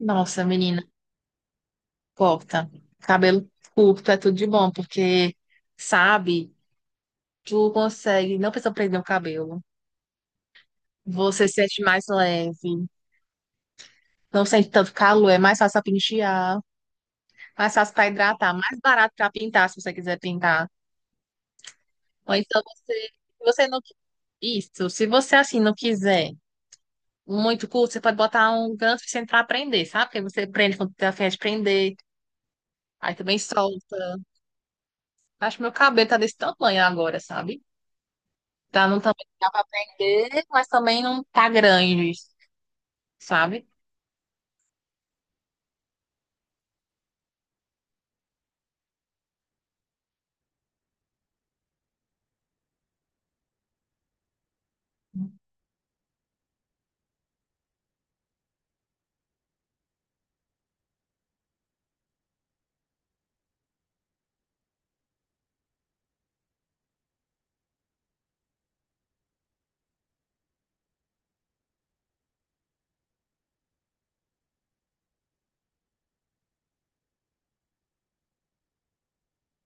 Nossa, menina, corta. Cabelo curto é tudo de bom, porque, sabe, tu consegue, não precisa prender o cabelo. Você se sente mais leve, não sente tanto calor, é mais fácil pra pentear, mais fácil pra hidratar, mais barato pra pintar, se você quiser pintar. Ou então você, se você não, isso, se você assim não quiser muito curto, você pode botar um gancho sem pra prender, sabe? Porque você prende quando tem a fim de prender, aí também solta. Acho que meu cabelo tá desse tamanho agora, sabe? Tá não tamanho que dá pra aprender, mas também não tá grande, sabe?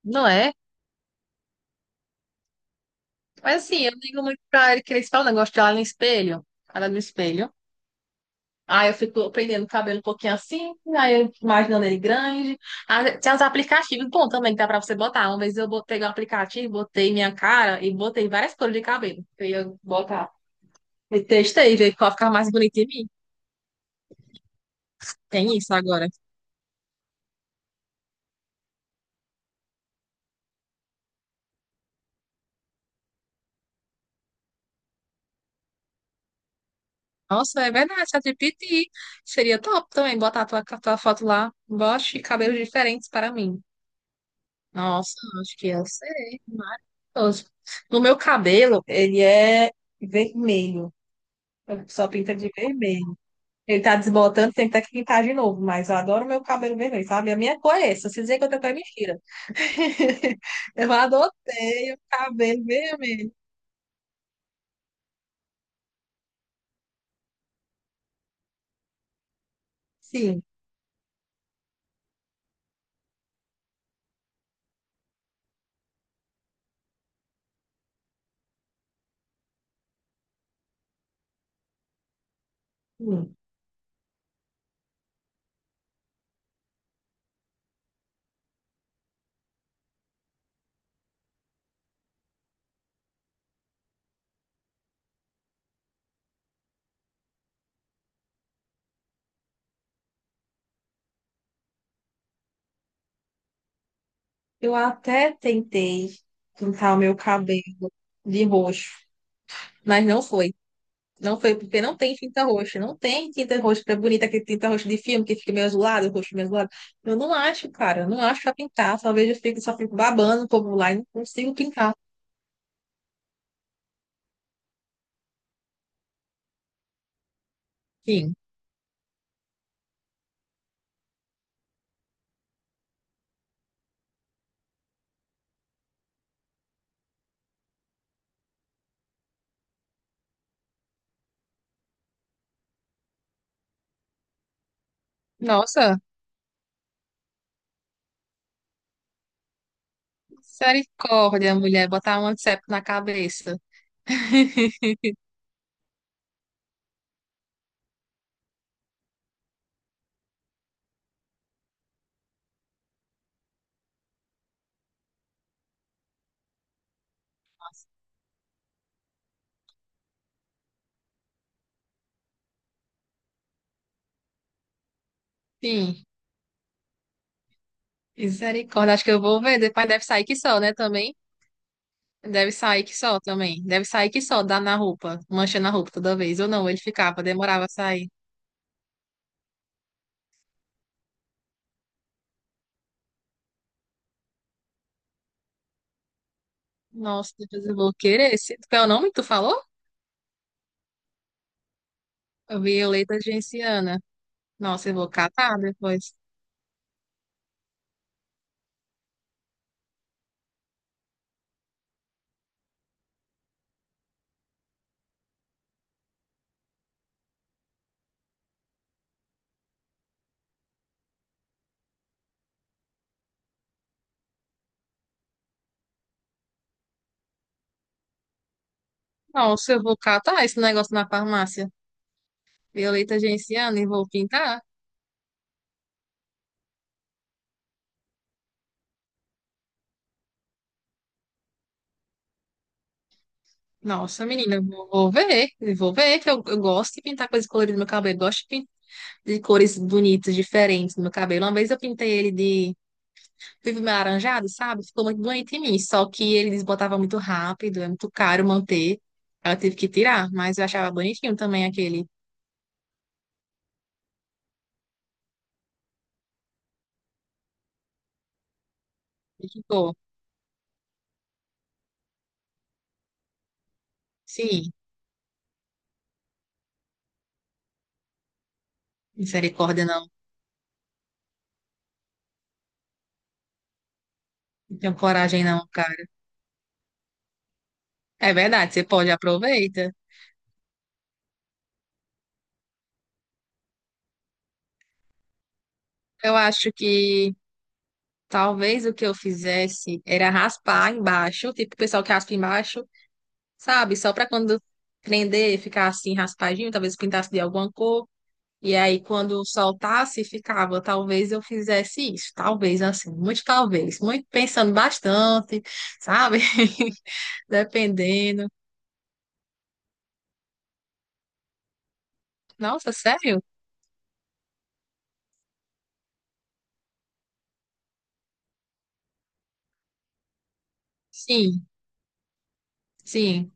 Não é? Mas assim, eu digo muito pra ele que eles falam, negócio de olhar no espelho, olhar no espelho. Aí eu fico prendendo o cabelo um pouquinho assim, aí eu imaginando ele grande. Ah, tem uns aplicativos, bom, também que dá pra você botar. Uma vez eu peguei um aplicativo, botei minha cara e botei várias cores de cabelo. Eu ia botar. E testei, ver qual ficava mais bonito em mim. Tem isso agora. Nossa, é verdade, ChatGPT. Seria top também botar a tua foto lá. Bote cabelos diferentes para mim. Nossa, acho que eu sei. Maravilhoso. No meu cabelo, ele é vermelho. Eu só pinta de vermelho. Ele tá desbotando, tem que ter que pintar de novo. Mas eu adoro meu cabelo vermelho, sabe? A minha cor é essa. Se dizer que eu tenho cor é mentira. Eu adotei o cabelo vermelho. Sim, sim. Eu até tentei pintar o meu cabelo de roxo, mas não foi. Não foi porque não tem tinta roxa. Não tem tinta roxa, que é bonita aquele tinta roxa de filme que fica meio azulado, o roxo meio azulado. Eu não acho, cara. Eu não acho pra pintar. Só vejo, eu fico, só fico babando o povo lá e não consigo pintar. Sim. Nossa, misericórdia, mulher. Botar um antisséptico na cabeça. Sim, misericórdia. Acho que eu vou ver. Depois deve sair que só, né? Também. Deve sair que só também. Deve sair que só, dá na roupa, mancha na roupa toda vez. Ou não, ele ficava, demorava a sair. Nossa, depois eu vou querer. Esse... Qual é o nome que tu falou? Violeta genciana. Nossa, eu vou catar depois. Nossa, eu vou catar esse negócio na farmácia. Violeta genciana e vou pintar. Nossa, menina, eu vou ver. Eu vou ver que eu gosto de pintar coisas coloridas no meu cabelo. Eu gosto de de cores bonitas, diferentes no meu cabelo. Uma vez eu pintei ele de vivo meio alaranjado, sabe? Ficou muito bonito em mim. Só que ele desbotava muito rápido, é muito caro manter. Aí eu tive que tirar, mas eu achava bonitinho também aquele. E ficou. Sim, misericórdia, não. Não tenho coragem, não. É verdade, você pode aproveita. Eu acho que talvez o que eu fizesse era raspar embaixo, tipo o pessoal que raspa embaixo, sabe? Só para quando prender, ficar assim raspadinho, talvez pintasse de alguma cor. E aí quando soltasse, ficava. Talvez eu fizesse isso, talvez assim, muito talvez, muito pensando bastante, sabe? Dependendo. Nossa, sério? Sim, sim.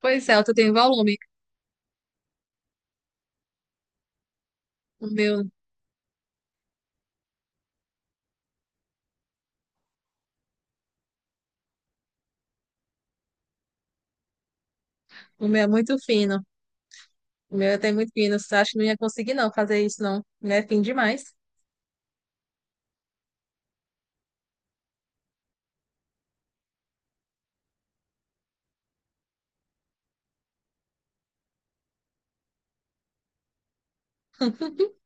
Pois é, eu tenho volume. O meu, o meu é muito fino. O meu tem muito pinos. Acho que não ia conseguir, não, fazer isso, não. Né? Fim demais.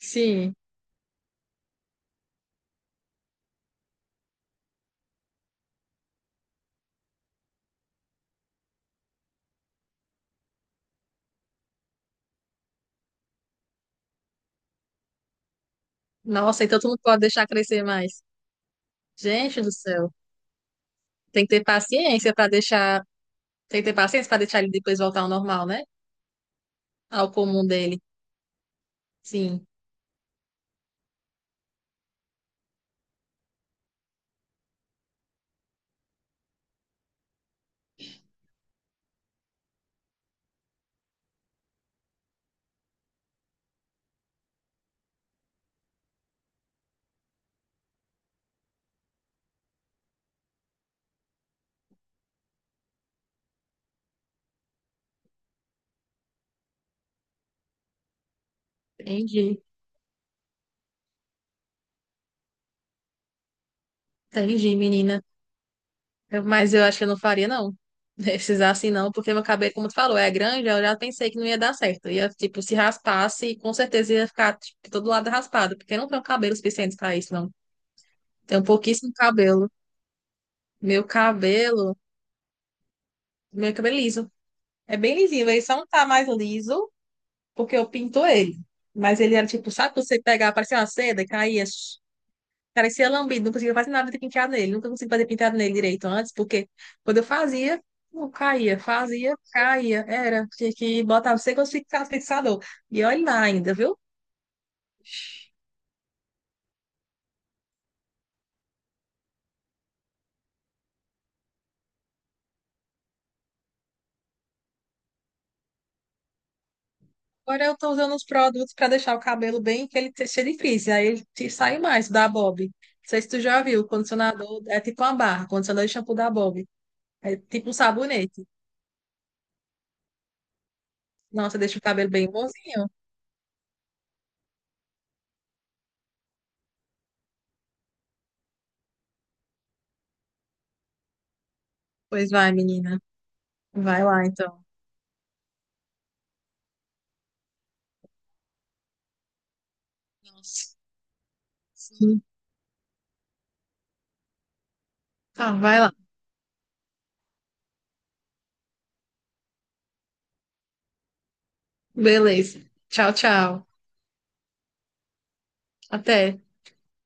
Sim. Nossa, então tu não pode deixar crescer mais. Gente do céu. Tem que ter paciência para deixar. Tem que ter paciência para deixar ele depois voltar ao normal, né? Ao comum dele. Sim. Entendi. Entendi, menina. Eu- Mas eu acho que eu não faria, não. Esses assim, não, porque meu cabelo, como tu falou, é grande, eu já pensei que não ia dar certo. Ia, tipo, se raspasse, com certeza ia ficar, tipo, todo lado raspado, porque eu não tenho cabelo suficiente para isso, não. Tenho pouquíssimo cabelo. Meu cabelo, meu cabelo é liso. É bem lisinho, ele só não tá mais liso porque eu pinto ele. Mas ele era tipo, sabe quando você pegava, parecia uma seda e caía, sh- parecia lambido, não conseguia fazer nada de penteado nele, nunca consegui fazer penteado nele direito antes, porque quando eu fazia, não caía, fazia, caía, era, tinha que botar, não sei quantos fixador. E olha lá ainda, viu? Agora eu tô usando uns produtos para deixar o cabelo bem que ele seja difícil, aí ele te sai mais da Bob. Não sei se tu já viu, o condicionador é tipo uma barra, condicionador de shampoo da Bob. É tipo um sabonete. Nossa, deixa o cabelo bem bonzinho. Pois vai, menina. Vai lá, então. Nossa. Sim. Tá, vai lá. Beleza. Tchau, tchau. Até.